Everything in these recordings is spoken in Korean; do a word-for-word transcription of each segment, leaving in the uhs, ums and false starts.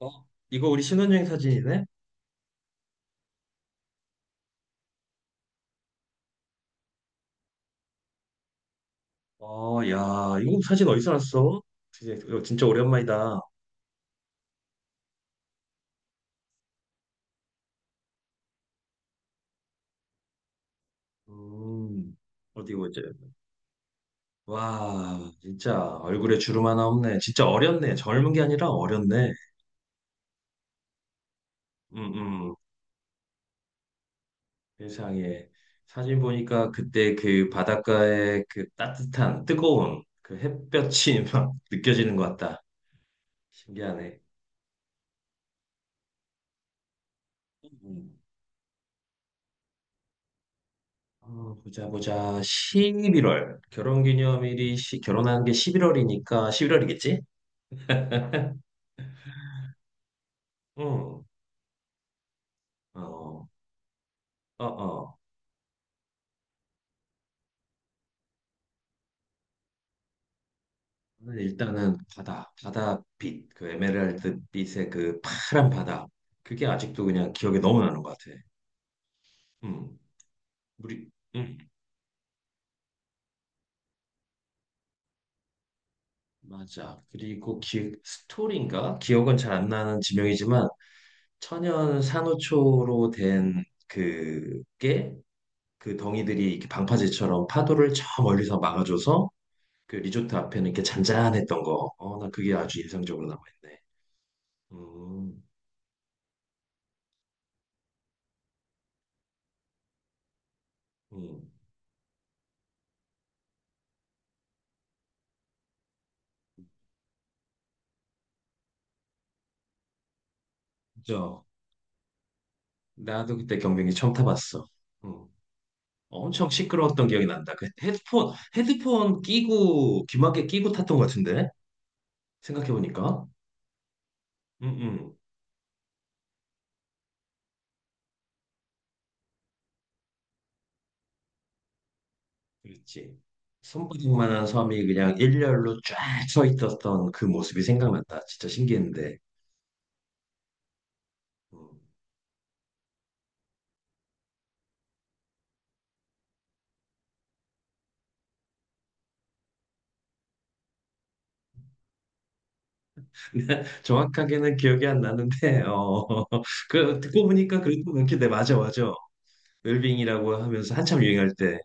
어? 이거 우리 신혼여행 사진이네? 어, 야, 이거 사진 어디서 났어? 진짜 이거 진짜 오랜만이다. 음, 어디 보자. 와, 진짜 얼굴에 주름 하나 없네. 진짜 어렸네. 젊은 게 아니라 어렸네. 음, 음. 세상에. 사진 보니까 그때 그 바닷가의 그 따뜻한, 뜨거운 그 햇볕이 막 느껴지는 것 같다. 신기하네. 음. 음. 어, 보자 보자 십일 월 결혼기념일이 시- 결혼한 게 십일 월이니까 십일 월이겠지? 응. 어, 어, 어. 오늘 일단은 바다, 바다빛, 그 에메랄드 빛의 그 파란 바다. 그게 아직도 그냥 기억에 너무 나는 것 같아. 음, 우리, 음, 맞아. 그리고 기, 스토리인가? 기억은 잘 안 나는 지명이지만 천연 산호초로 된 그게 그 덩이들이 이렇게 방파제처럼 파도를 저 멀리서 막아줘서 그 리조트 앞에는 이렇게 잔잔했던 거. 어, 나 그게 아주 인상적으로 남아있네. 음, 음. 그죠. 나도 그때 경비행기 처음 타봤어. 음. 엄청 시끄러웠던 기억이 난다. 그 헤드폰, 헤드폰 끼고, 귀마개 끼고 탔던 것 같은데? 생각해보니까. 음, 음. 그렇지. 손바닥만한 섬이 그냥 일렬로 쫙 서 있었던 그 모습이 생각난다. 진짜 신기했는데. 음. 정확하게는 기억이 안 나는데, 어, 그, 듣고 보니까 그래도 그렇게, 네, 맞아, 맞아. 웰빙이라고 하면서 한참 유행할 때,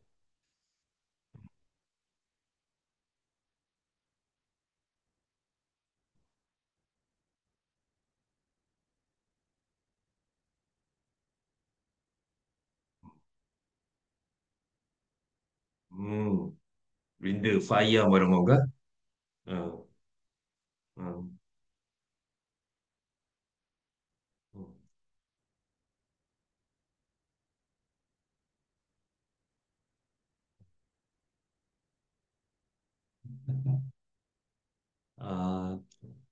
음, 윈드, 파이어 뭐 이런 건가? 어, 어, 어. 아,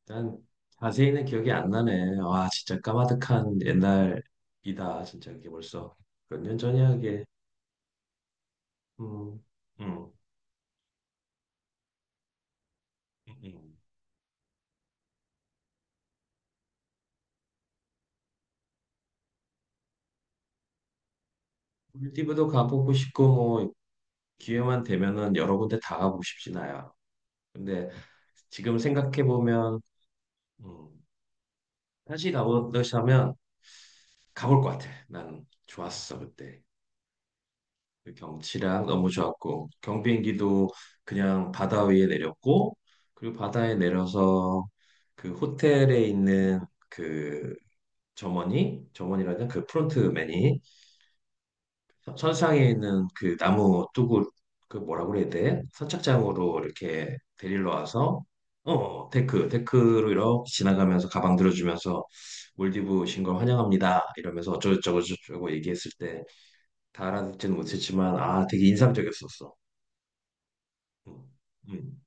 난 자세히는 기억이 안 나네. 와, 진짜 까마득한 옛날이다. 진짜 이게 벌써 몇 년 전이야 이게. 음, 음, 음. 꿀디브도 가보고 싶고 뭐 기회만 되면은 여러 군데 다 가보고 싶진 않아. 근데 지금 생각해 보면, 음, 다시 가보자면 가볼 것 같아. 난 좋았어 그때. 그 경치랑 너무 좋았고 경비행기도 그냥 바다 위에 내렸고 그리고 바다에 내려서 그 호텔에 있는 그 점원이 점원이라는 그 프론트맨이 선상에 있는 그 나무 뚜구 그 뭐라고 그래야 돼? 선착장으로 이렇게 데리러 와서 어 데크 데크로 이렇게 지나가면서 가방 들어주면서 몰디브 오신 걸 환영합니다 이러면서 어쩌고저쩌고 저쩌고 얘기했을 때 다 알아듣지는 못했지만 아 되게 인상적이었었어. 음,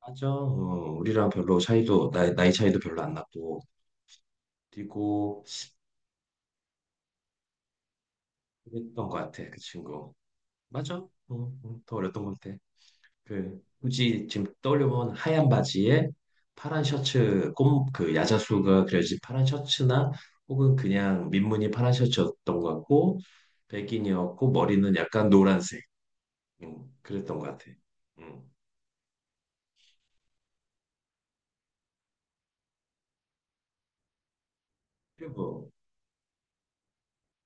맞아. 어, 우리랑 별로 차이도, 나이, 나이 차이도 별로 안 났고, 뛰고, 그랬던 것 같아, 그 친구. 맞아. 어, 어, 더 어렸던 것 같아. 그, 굳이 지금 떠올려보면 하얀 바지에 파란 셔츠, 꼼, 그 야자수가 그려진 파란 셔츠나, 혹은 그냥 민무늬 파란 셔츠였던 것 같고, 백인이었고, 머리는 약간 노란색. 음, 그랬던 것 같아. 음. 그리고,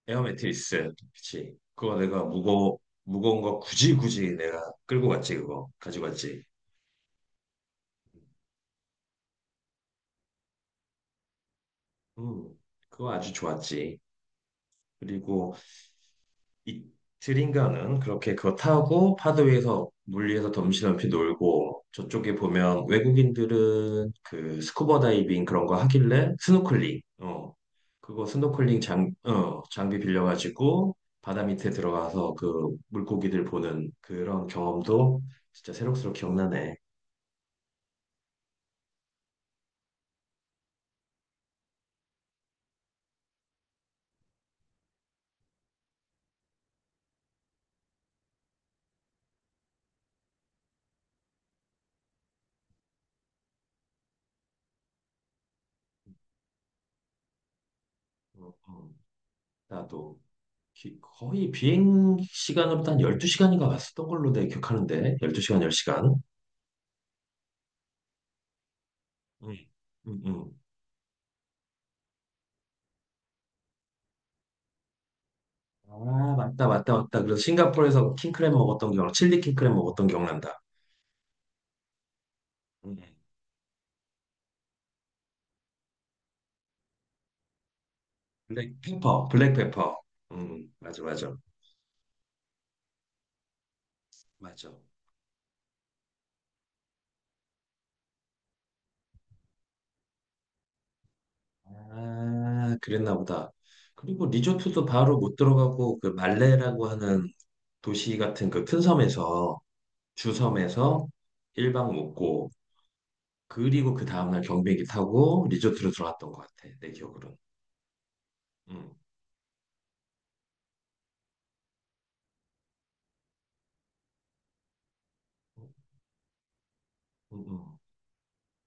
에어 매트리스. 그치. 그거 내가 무거워, 무거운 거 굳이 굳이 내가 끌고 갔지, 그거. 가지고 갔지. 음, 그거 아주 좋았지. 그리고 이틀인가는 그렇게 그거 타고 파도 위에서, 물 위에서 덤시덤시 놀고, 저쪽에 보면 외국인들은 그 스쿠버 다이빙 그런 거 하길래 스노클링, 어. 그거 스노클링 장, 어, 장비 빌려가지고 바다 밑에 들어가서 그 물고기들 보는 그런 경험도 진짜 새록새록 기억나네. 어, 어. 나도 기- 거의 비행 시간으로도 한 십이 시간인가 왔었던 걸로 내 기억하는데 십이 시간 십 시간 응. 응, 응. 아 맞다 맞다 맞다 그래서 싱가포르에서 킹크랩 먹었던 기억 칠리 킹크랩 먹었던 기억난다 응. 블랙페퍼 블랙페퍼 응 맞아 맞아 맞아 아 그랬나 보다 그리고 리조트도 바로 못 들어가고 그 말레라고 하는 도시 같은 그 큰 섬에서 주섬에서 일 박 묵고 그리고 그 다음날 경비행기 타고 리조트로 들어갔던 것 같아. 내 기억으로는. 음. 음, 음.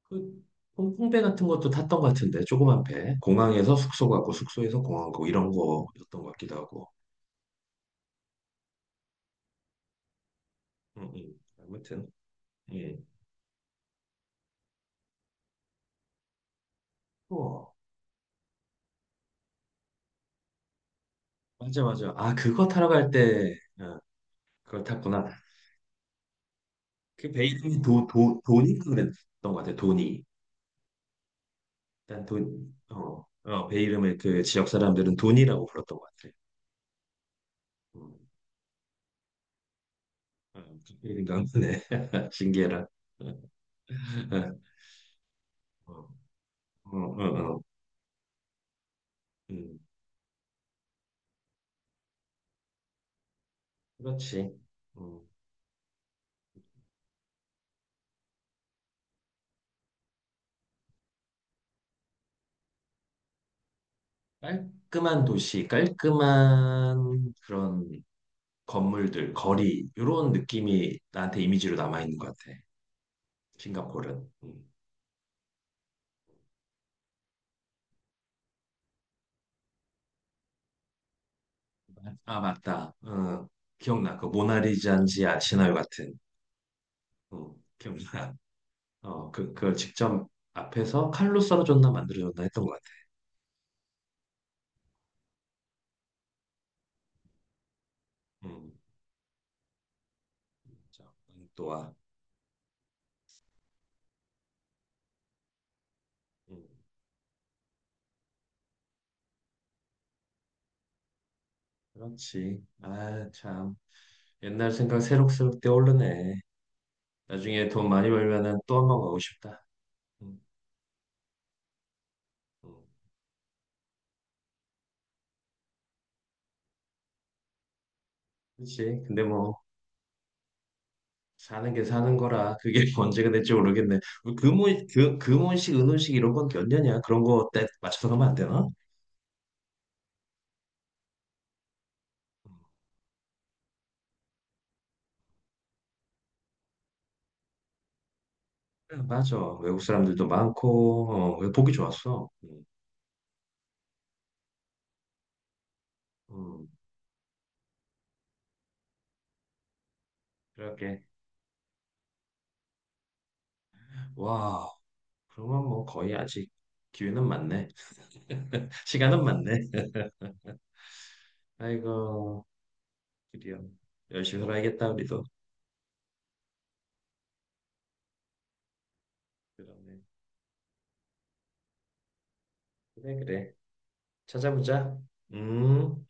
그 홍콩배 같은 것도 탔던 것 같은데 조그만 배. 공항에서 숙소 가고 숙소에서 공항 가고 이런 거였던 것 같기도 하고. 음, 음. 아무튼. 예. 우와. 맞아 맞아. 아 그거 타러 갈 때. 어, 그걸 탔구나. 그 배 이름이 도, 도, 도니 그랬던 것 같아. 도니. 일단 돈. 어. 어, 배 이름을 그 지역 사람들은 돈이라고 불렀던 것 같아. 음. 어, 남편의 징계라. 어, 어, 어, 어. 음, 그렇지. 음, 깔끔한 도시, 깔끔한 그런 건물들, 거리, 이런 느낌이 나한테 이미지로 남아있는 것 같아. 싱가포르는. 음. 아, 맞다. 어, 기억나. 그 모나리자인지 아시나요 같은. 어, 기억나. 어, 그, 그걸 직접 앞에서 칼로 썰어줬나 만들어줬나 했던 것 같아. 음, 진짜. 또한. 그렇지. 아, 참. 옛날 생각 새록새록 떠오르네. 나중에 돈 많이 벌면은 또 한 번 가고 싶다. 음, 음. 그렇지. 근데 뭐 사는 게 사는 거라 그게 언제가 될지 모르겠네. 뭐 금혼 그 금혼식, 은혼식 이런 건 몇 년이야? 그런 거 때 맞춰서 가면 안 되나? 음, 맞아. 외국 사람들도 많고 어, 보기 좋았어. 음, 음, 그렇게 와. 그러면 뭐 거의 아직 기회는 많네. 시간은 많네. 아이고, 드디어 열심히 살아야겠다 우리도. 그러네. 그래, 그래. 찾아보자. 음.